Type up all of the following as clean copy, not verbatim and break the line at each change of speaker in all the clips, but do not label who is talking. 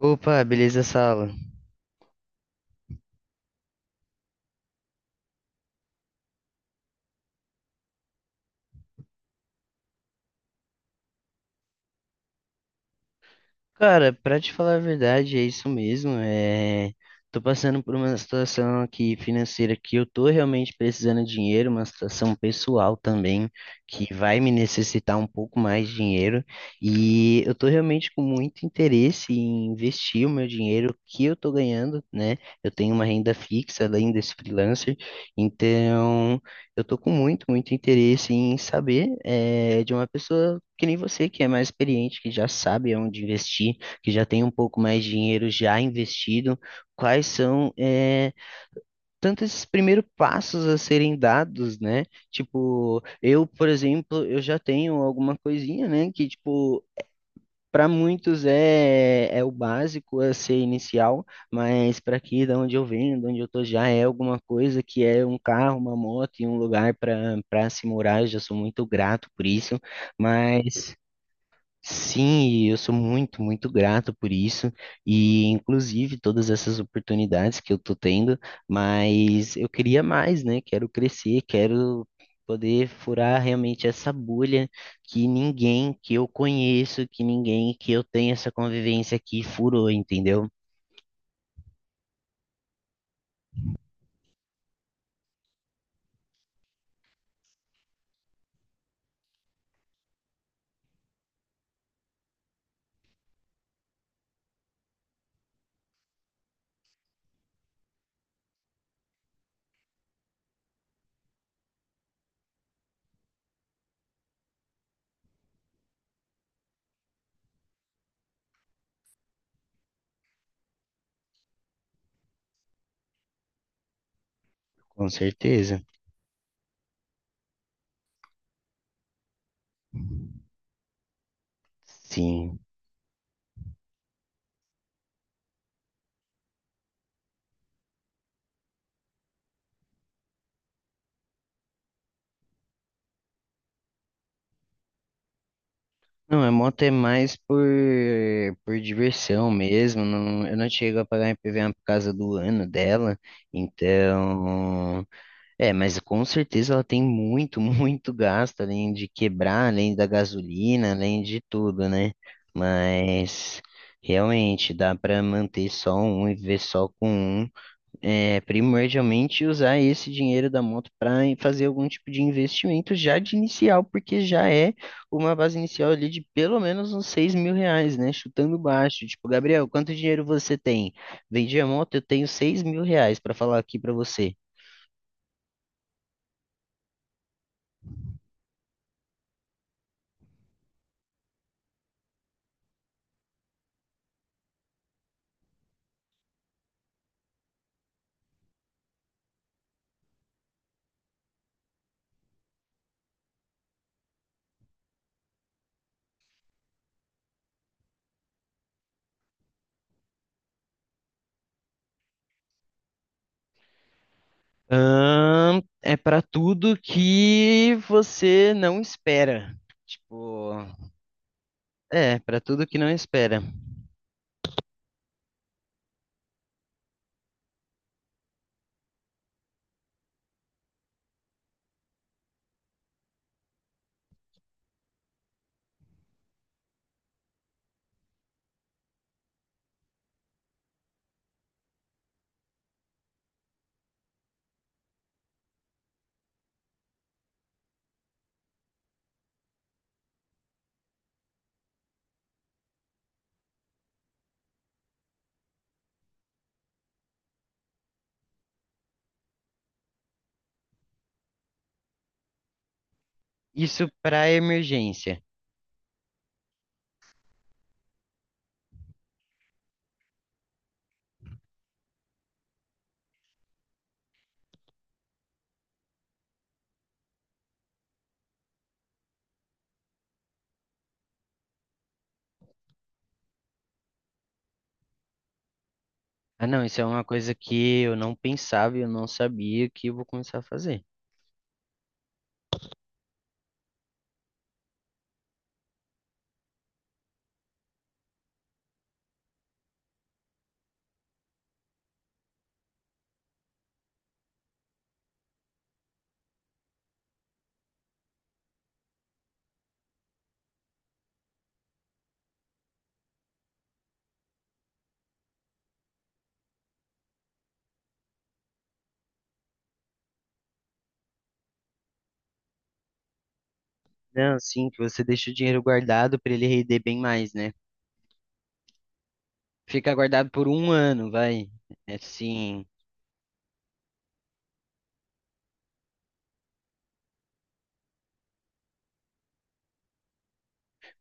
Opa, beleza, Sala? Cara, pra te falar a verdade, é isso mesmo. Tô passando por uma situação aqui financeira que eu tô realmente precisando de dinheiro, uma situação pessoal também, que vai me necessitar um pouco mais de dinheiro. E eu tô realmente com muito interesse em investir o meu dinheiro que eu tô ganhando, né? Eu tenho uma renda fixa além desse freelancer, então eu tô com muito interesse em saber, de uma pessoa. Que nem você que é mais experiente, que já sabe onde investir, que já tem um pouco mais de dinheiro já investido, quais são tantos esses primeiros passos a serem dados, né? Tipo, eu, por exemplo, eu já tenho alguma coisinha, né? Que, tipo, para muitos é o básico a ser inicial, mas para aqui, da onde eu venho, de onde eu tô já é alguma coisa que é um carro, uma moto e um lugar para se morar. Eu já sou muito grato por isso, mas. Sim, e eu sou muito grato por isso, e inclusive todas essas oportunidades que eu tô tendo, mas eu queria mais, né? Quero crescer, quero poder furar realmente essa bolha que ninguém que eu conheço, que ninguém que eu tenho essa convivência aqui furou, entendeu? Com certeza. Sim. Não, a moto é mais por diversão mesmo. Não, eu não chego a pagar IPVA por causa do ano dela. Então, é, mas com certeza ela tem muito, muito gasto, além de quebrar, além da gasolina, além de tudo, né? Mas realmente dá para manter só um e viver só com um é, primordialmente usar esse dinheiro da moto para fazer algum tipo de investimento já de inicial, porque já é uma base inicial ali de pelo menos uns 6 mil reais, né? Chutando baixo. Tipo, Gabriel, quanto dinheiro você tem? Vendi a moto, eu tenho 6 mil reais para falar aqui para você. É para tudo que você não espera. Tipo, é, para tudo que não espera. Isso para emergência. Ah, não, isso é uma coisa que eu não pensava e eu não sabia que eu vou começar a fazer. Não, sim, que você deixa o dinheiro guardado para ele render bem mais, né? Fica guardado por um ano, vai. Assim,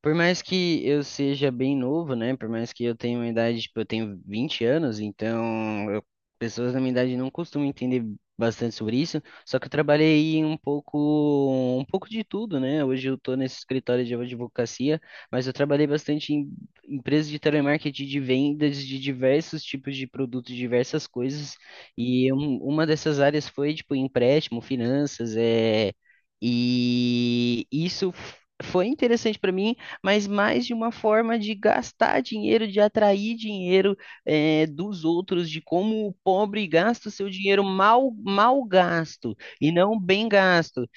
por mais que eu seja bem novo, né? Por mais que eu tenha uma idade, tipo, eu tenho 20 anos, pessoas da minha idade não costumam entender bastante sobre isso. Só que eu trabalhei um pouco de tudo, né? Hoje eu tô nesse escritório de advocacia, mas eu trabalhei bastante em empresas de telemarketing, de vendas de diversos tipos de produtos, diversas coisas. E uma dessas áreas foi, tipo, empréstimo, finanças, E isso f- foi interessante para mim, mas mais de uma forma de gastar dinheiro, de atrair dinheiro dos outros, de como o pobre gasta o seu dinheiro mal, mal gasto e não bem gasto.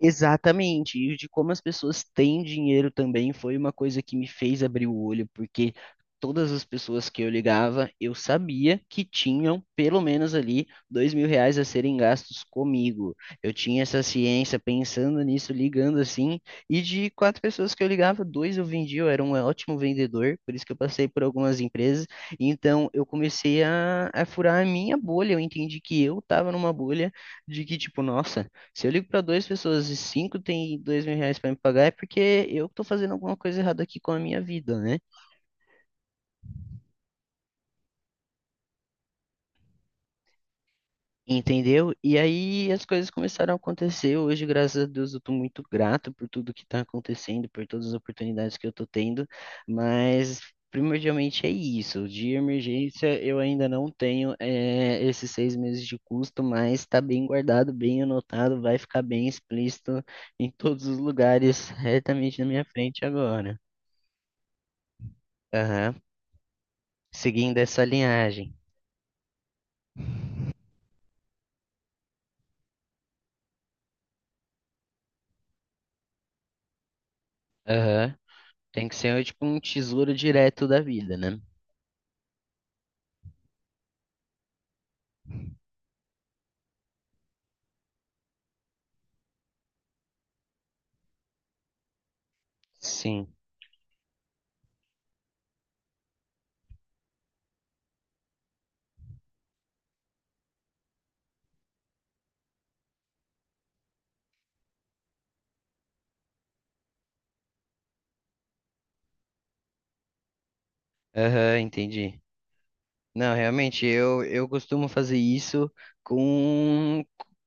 Exatamente, e de como as pessoas têm dinheiro também foi uma coisa que me fez abrir o olho, porque todas as pessoas que eu ligava, eu sabia que tinham pelo menos ali 2 mil reais a serem gastos comigo. Eu tinha essa ciência pensando nisso, ligando assim, e de quatro pessoas que eu ligava, dois eu vendia, eu era um ótimo vendedor, por isso que eu passei por algumas empresas. Então eu comecei a furar a minha bolha, eu entendi que eu estava numa bolha de que, tipo, nossa. Se eu ligo para duas pessoas e cinco tem 2 mil reais para me pagar, é porque eu tô fazendo alguma coisa errada aqui com a minha vida, né? Entendeu? E aí as coisas começaram a acontecer. Hoje, graças a Deus, eu tô muito grato por tudo que tá acontecendo, por todas as oportunidades que eu tô tendo, mas primordialmente é isso. De emergência, eu ainda não tenho esses 6 meses de custo, mas tá bem guardado, bem anotado, vai ficar bem explícito em todos os lugares, retamente na minha frente agora. Aham, seguindo essa linhagem. Aham. Tem que ser tipo um tesouro direto da vida, né? Sim. Aham, entendi. Não, realmente, eu costumo fazer isso com.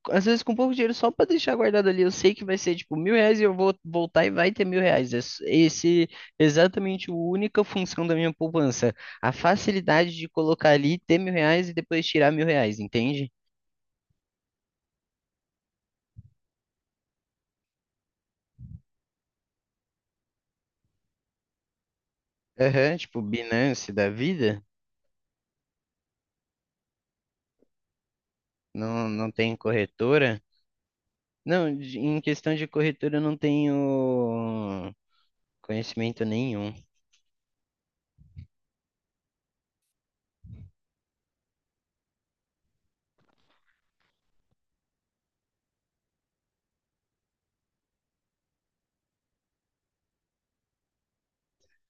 Às vezes com pouco dinheiro só pra deixar guardado ali. Eu sei que vai ser tipo 1000 reais e eu vou voltar e vai ter 1000 reais. Esse é exatamente a única função da minha poupança. A facilidade de colocar ali, ter 1000 reais e depois tirar 1000 reais, entende? Aham, tipo Binance da vida. Não, não tem corretora. Não, em questão de corretora eu não tenho conhecimento nenhum.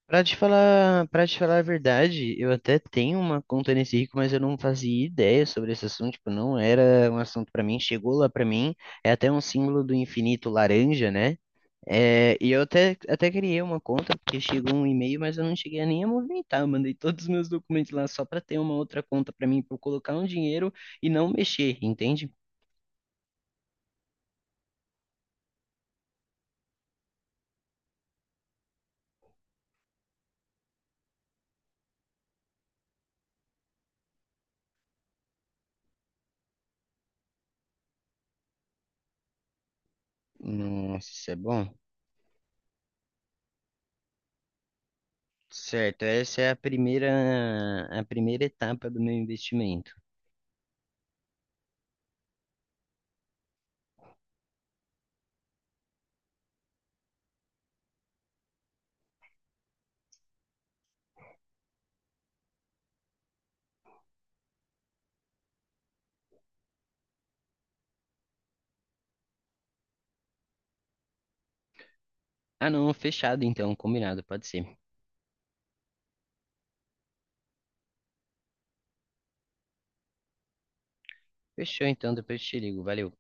Para te falar a verdade, eu até tenho uma conta nesse rico, mas eu não fazia ideia sobre esse assunto, tipo, não era um assunto pra mim, chegou lá pra mim, é até um símbolo do infinito laranja, né? É, e eu até criei uma conta, porque chegou um e-mail, mas eu não cheguei a nem a movimentar, eu mandei todos os meus documentos lá só pra ter uma outra conta pra mim, pra eu colocar um dinheiro e não mexer, entende? Nossa, isso é bom. Certo, essa é a primeira etapa do meu investimento. Ah, não, fechado então, combinado, pode ser. Fechou então, depois eu te ligo, valeu.